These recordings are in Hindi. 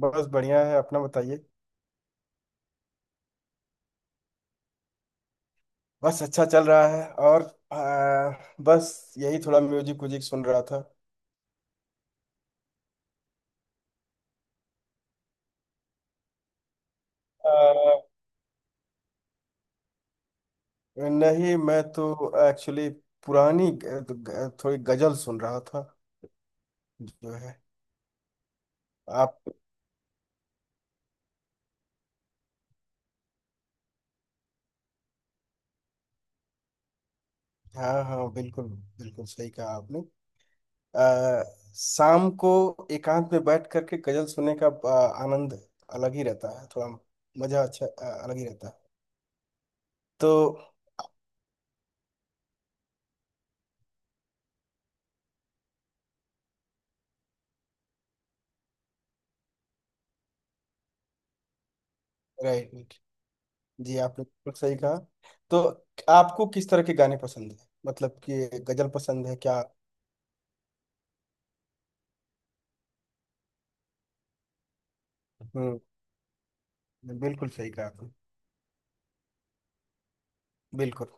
बस बढ़िया है। अपना बताइए। बस अच्छा चल रहा है। और आ, बस यही थोड़ा म्यूजिक व्यूजिक सुन रहा था। आ, नहीं, मैं तो एक्चुअली पुरानी थोड़ी गजल सुन रहा था, जो है। आप। हाँ हाँ, बिल्कुल बिल्कुल सही कहा आपने। आ, शाम को एकांत में बैठ करके गजल सुनने का आनंद अलग ही रहता है, थोड़ा। मजा अच्छा अलग ही रहता है। तो राइट जी, आपने बिल्कुल सही कहा। तो आपको किस तरह के गाने पसंद है? मतलब कि गजल पसंद है क्या? हम्म। बिल्कुल सही कहा आपने। बिल्कुल।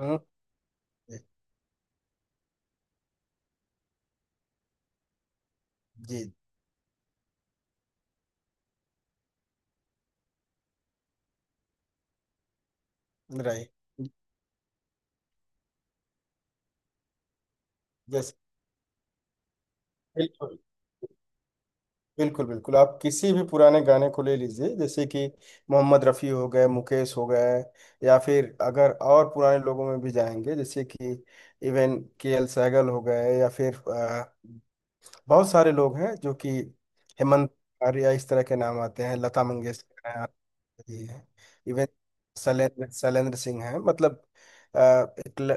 हम्म। जी। राय। जैसे बिल्कुल बिल्कुल, बिल्कुल आप किसी भी पुराने गाने को ले लीजिए, जैसे कि मोहम्मद रफ़ी हो गए, मुकेश हो गए, या फिर अगर और पुराने लोगों में भी जाएंगे, जैसे कि इवन के एल सहगल हो गए, या फिर बहुत सारे लोग हैं जो कि हेमंत आर्या, इस तरह के नाम आते हैं। लता मंगेशकर हैं, आशा जी हैं, इवन शैलेंद्र शैलेंद्र सिंह हैं, मतलब। अ, एक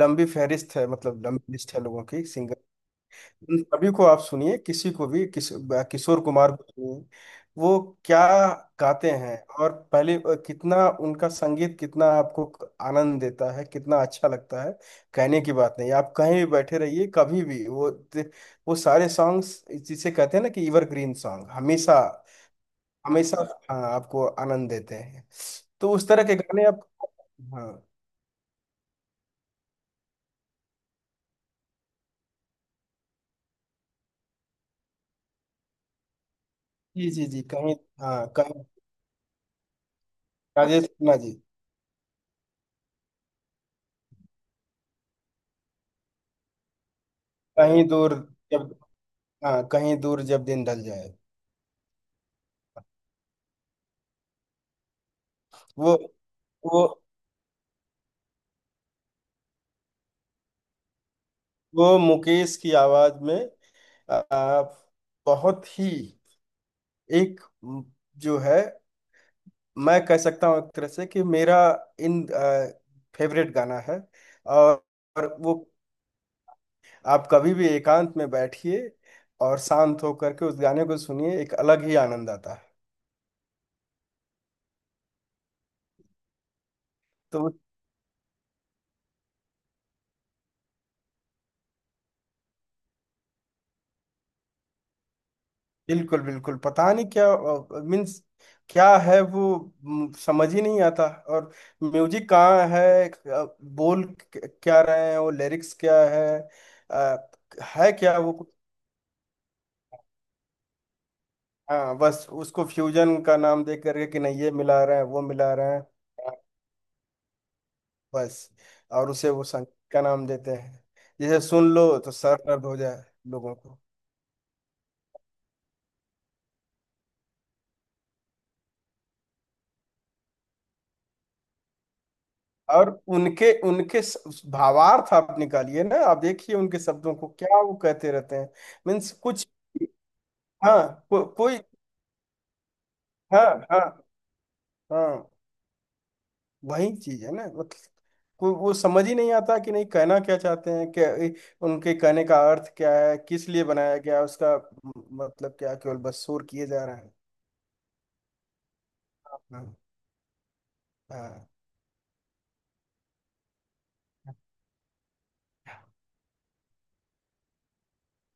लंबी फहरिस्त है, मतलब लंबी लिस्ट है लोगों की। उन सभी को आप सुनिए, किसी को भी, किशोर कुमार को सुनिए, वो क्या गाते हैं। और पहले कितना उनका संगीत, कितना आपको आनंद देता है, कितना अच्छा लगता है। कहने की बात नहीं, आप कहीं भी बैठे रहिए, कभी भी। वो सारे सॉन्ग्स, जिसे कहते हैं ना कि एवरग्रीन सॉन्ग, हमेशा हमेशा, हाँ, आपको आनंद देते हैं। तो उस तरह के गाने आप। हाँ। जी जी जी। कहीं। हाँ, कहीं। राजेश खन्ना जी। कहीं दूर जब... हाँ, कहीं दूर जब दिन ढल जाए। वो वो वो मुकेश की आवाज में। आ, बहुत ही एक म, जो है, मैं कह सकता हूँ एक तरह से कि मेरा इन फेवरेट गाना है। और, और वो, आप कभी भी एकांत में बैठिए और शांत होकर के उस गाने को सुनिए, एक अलग ही आनंद आता है। तो बिल्कुल बिल्कुल, पता नहीं क्या मीन्स, क्या है वो, समझ ही नहीं आता। और म्यूजिक कहाँ है? बोल क्या रहे हैं? वो लिरिक्स क्या है? अ, है क्या वो हाँ, बस उसको फ्यूजन का नाम दे करके कि नहीं, ये मिला रहे हैं, वो मिला रहे हैं। बस, और उसे वो संगीत का नाम देते हैं, जैसे सुन लो तो सर दर्द हो जाए लोगों को। और उनके उनके भावार्थ आप निकालिए ना, आप देखिए उनके शब्दों को, क्या वो कहते रहते हैं। मीन्स कुछ। हाँ, कोई। हाँ हाँ हाँ, वही चीज है ना, मतलब वो समझ ही नहीं आता कि नहीं, कहना क्या चाहते हैं क्या? उनके कहने का अर्थ क्या है, किस लिए बनाया गया उसका मतलब? क्या केवल बस शोर किए जा रहे हैं? हाँ हाँ।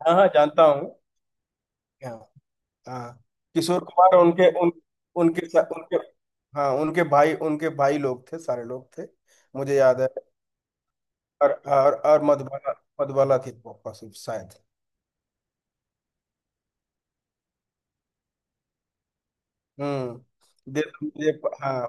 हाँ हाँ, जानता हूँ। हाँ हाँ। किशोर कुमार उनके हाँ, उनके भाई लोग थे, सारे लोग थे। मुझे याद है। और और मधुबाला। मधुबाला थी वो पशु शायद। हम्म। दे तो मुझे हाँ।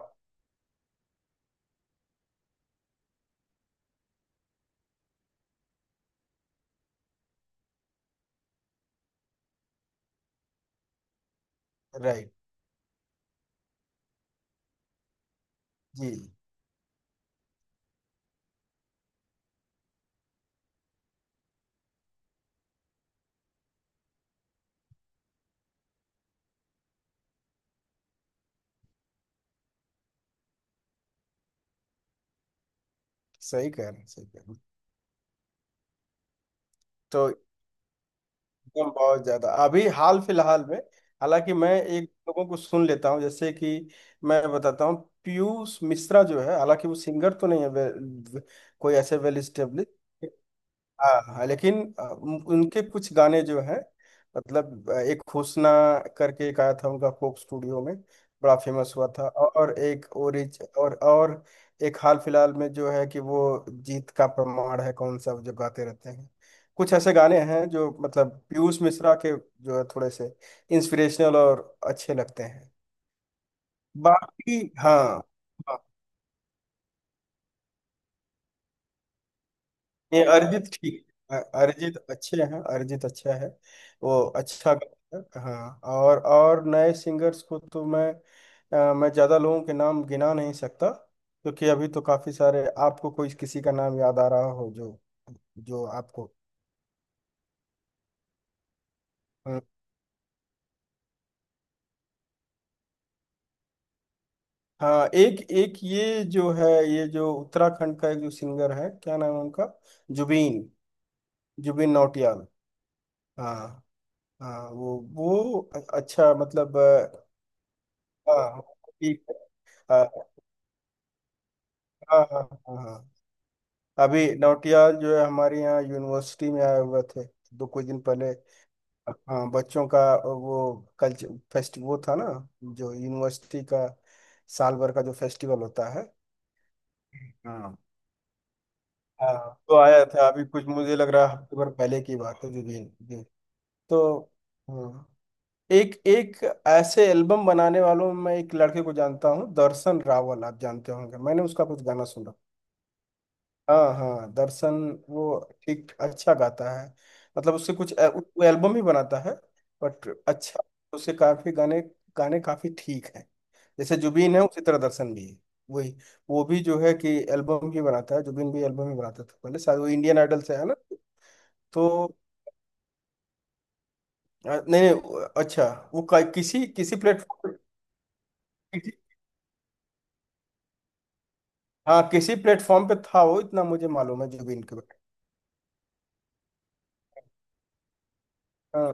राइट जी। सही कह रहे हैं, सही कह रहे हैं। तो एकदम बहुत ज्यादा अभी हाल फिलहाल में, हालांकि मैं एक लोगों को सुन लेता हूँ, जैसे कि मैं बताता हूँ। पीयूष मिश्रा जो है, हालांकि वो सिंगर तो नहीं है, वे, वे, कोई ऐसे वेल स्टेब्लिश। हाँ हाँ, लेकिन उनके कुछ गाने जो हैं, मतलब एक हुस्ना करके एक आया था उनका कोक स्टूडियो में, बड़ा फेमस हुआ था। और एक ओरिज और। एक हाल फिलहाल में जो है कि वो जीत का प्रमाण है कौन सा, जो गाते रहते हैं। कुछ ऐसे गाने हैं जो मतलब पीयूष मिश्रा के, जो है थोड़े से इंस्पिरेशनल और अच्छे लगते हैं। बाकी हाँ। हाँ। ये अरिजीत ठीक। अरिजीत अच्छे हैं, अरिजीत अच्छा है, वो अच्छा गाता है हाँ, और नए सिंगर्स को तो मैं मैं ज़्यादा लोगों के नाम गिना नहीं सकता, क्योंकि अभी तो काफ़ी सारे। आपको कोई किसी का नाम याद आ रहा हो जो, जो आपको। हाँ हाँ, एक एक ये जो है, ये जो उत्तराखंड का एक जो सिंगर है, क्या नाम है उनका? जुबीन। जुबीन नौटियाल। हाँ हाँ। वो अच्छा, मतलब हाँ ठीक है। हाँ हाँ हाँ हाँ। अभी नौटियाल जो है हमारे यहाँ यूनिवर्सिटी में आए हुए थे, दो कुछ दिन पहले। हाँ, बच्चों का वो कल्चर फेस्ट वो था ना, जो यूनिवर्सिटी का साल भर का जो फेस्टिवल होता है। हाँ हाँ। तो आया था अभी, कुछ मुझे लग रहा है हफ्ते भर पहले की बात है। जी जी जी। तो हाँ, एक एक ऐसे एल्बम बनाने वालों में एक लड़के को जानता हूँ, दर्शन रावल, आप जानते होंगे, मैंने उसका कुछ गाना सुना। हाँ हाँ, दर्शन। वो ठीक अच्छा गाता है, मतलब उससे कुछ वो एल्बम ही बनाता है। बट अच्छा, उसके काफी गाने, काफी ठीक हैं। जैसे जुबिन है, उसी तरह दर्शन भी है, वही। वो भी जो है कि एल्बम ही बनाता है। जुबिन भी एल्बम ही बनाता था पहले शायद, वो इंडियन आइडल से है ना? तो नहीं नहीं, अच्छा, वो किसी किसी प्लेटफॉर्म, किसी, हाँ, किसी प्लेटफॉर्म पे था, वो इतना मुझे मालूम है जुबिन के बारे में। हाँ।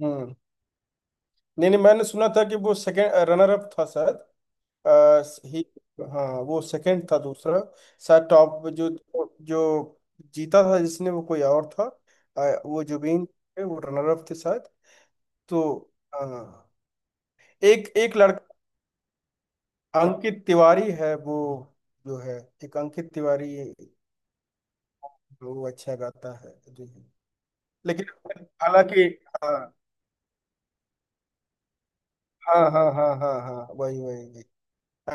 हम्म। नहीं नहीं, मैंने सुना था कि वो सेकंड रनर अप था शायद। ही हाँ, वो सेकंड था, दूसरा शायद। टॉप जो जो जीता था जिसने, वो कोई और था। वो जुबीन थे, वो रनर अप थे शायद। तो हाँ, एक एक लड़का अंकित तिवारी है, वो जो है, एक अंकित तिवारी, वो अच्छा गाता है जी। लेकिन हालांकि, हाँ हाँ हाँ हाँ हाँ हाँ, वही वही वही।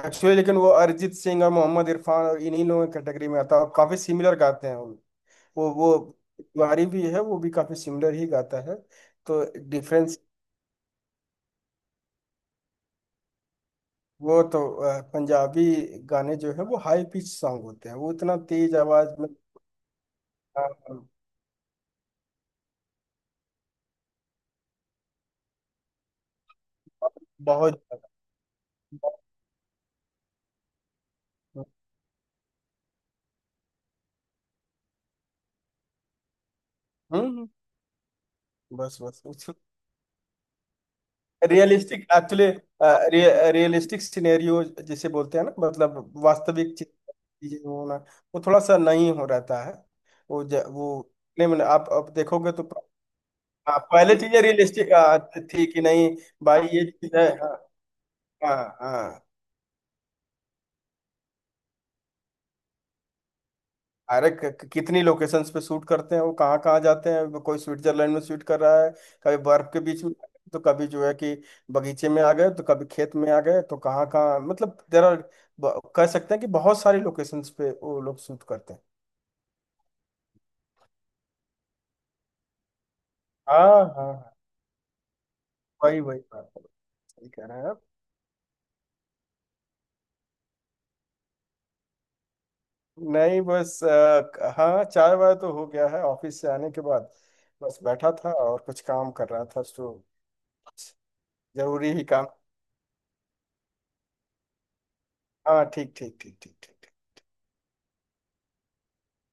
एक्चुअली लेकिन वो अरिजीत सिंह और मोहम्मद इरफान और इन्हीं लोगों की कैटेगरी में आता है, और काफी सिमिलर गाते हैं। वो तिवारी भी है, वो भी काफी सिमिलर ही गाता है। तो डिफरेंस। वो तो पंजाबी गाने जो है, वो हाई पिच सॉन्ग होते हैं, वो इतना तेज आवाज में। अ, बहुत ज्यादा। हम्म। बस बस रियलिस्टिक एक्चुअली, रियलिस्टिक सिनेरियो, जिसे बोलते हैं ना, मतलब वास्तविक चीज चीजें होना, वो थोड़ा सा नहीं हो रहता है। वो फिल्म में आप अब देखोगे तो, हाँ, पहले चीजें रियलिस्टिक थी कि नहीं? भाई ये चीज है। हाँ हाँ हाँ। अरे कितनी लोकेशंस पे शूट करते हैं, वो कहाँ कहाँ जाते हैं? कोई स्विट्जरलैंड में शूट कर रहा है, कभी बर्फ के बीच में, तो कभी जो है कि बगीचे में आ गए, तो कभी खेत में आ गए, तो कहाँ कहाँ, मतलब देर आर, कह सकते हैं कि बहुत सारी लोकेशंस पे वो लोग शूट करते हैं। हाँ हाँ हाँ, वही वही बात है, सही कह रहे हैं आप। नहीं, बस हाँ, 4 बार तो हो गया है ऑफिस से आने के बाद। बस बैठा था और कुछ काम कर रहा था, तो जरूरी ही काम। हाँ ठीक ठीक ठीक ठीक ठीक।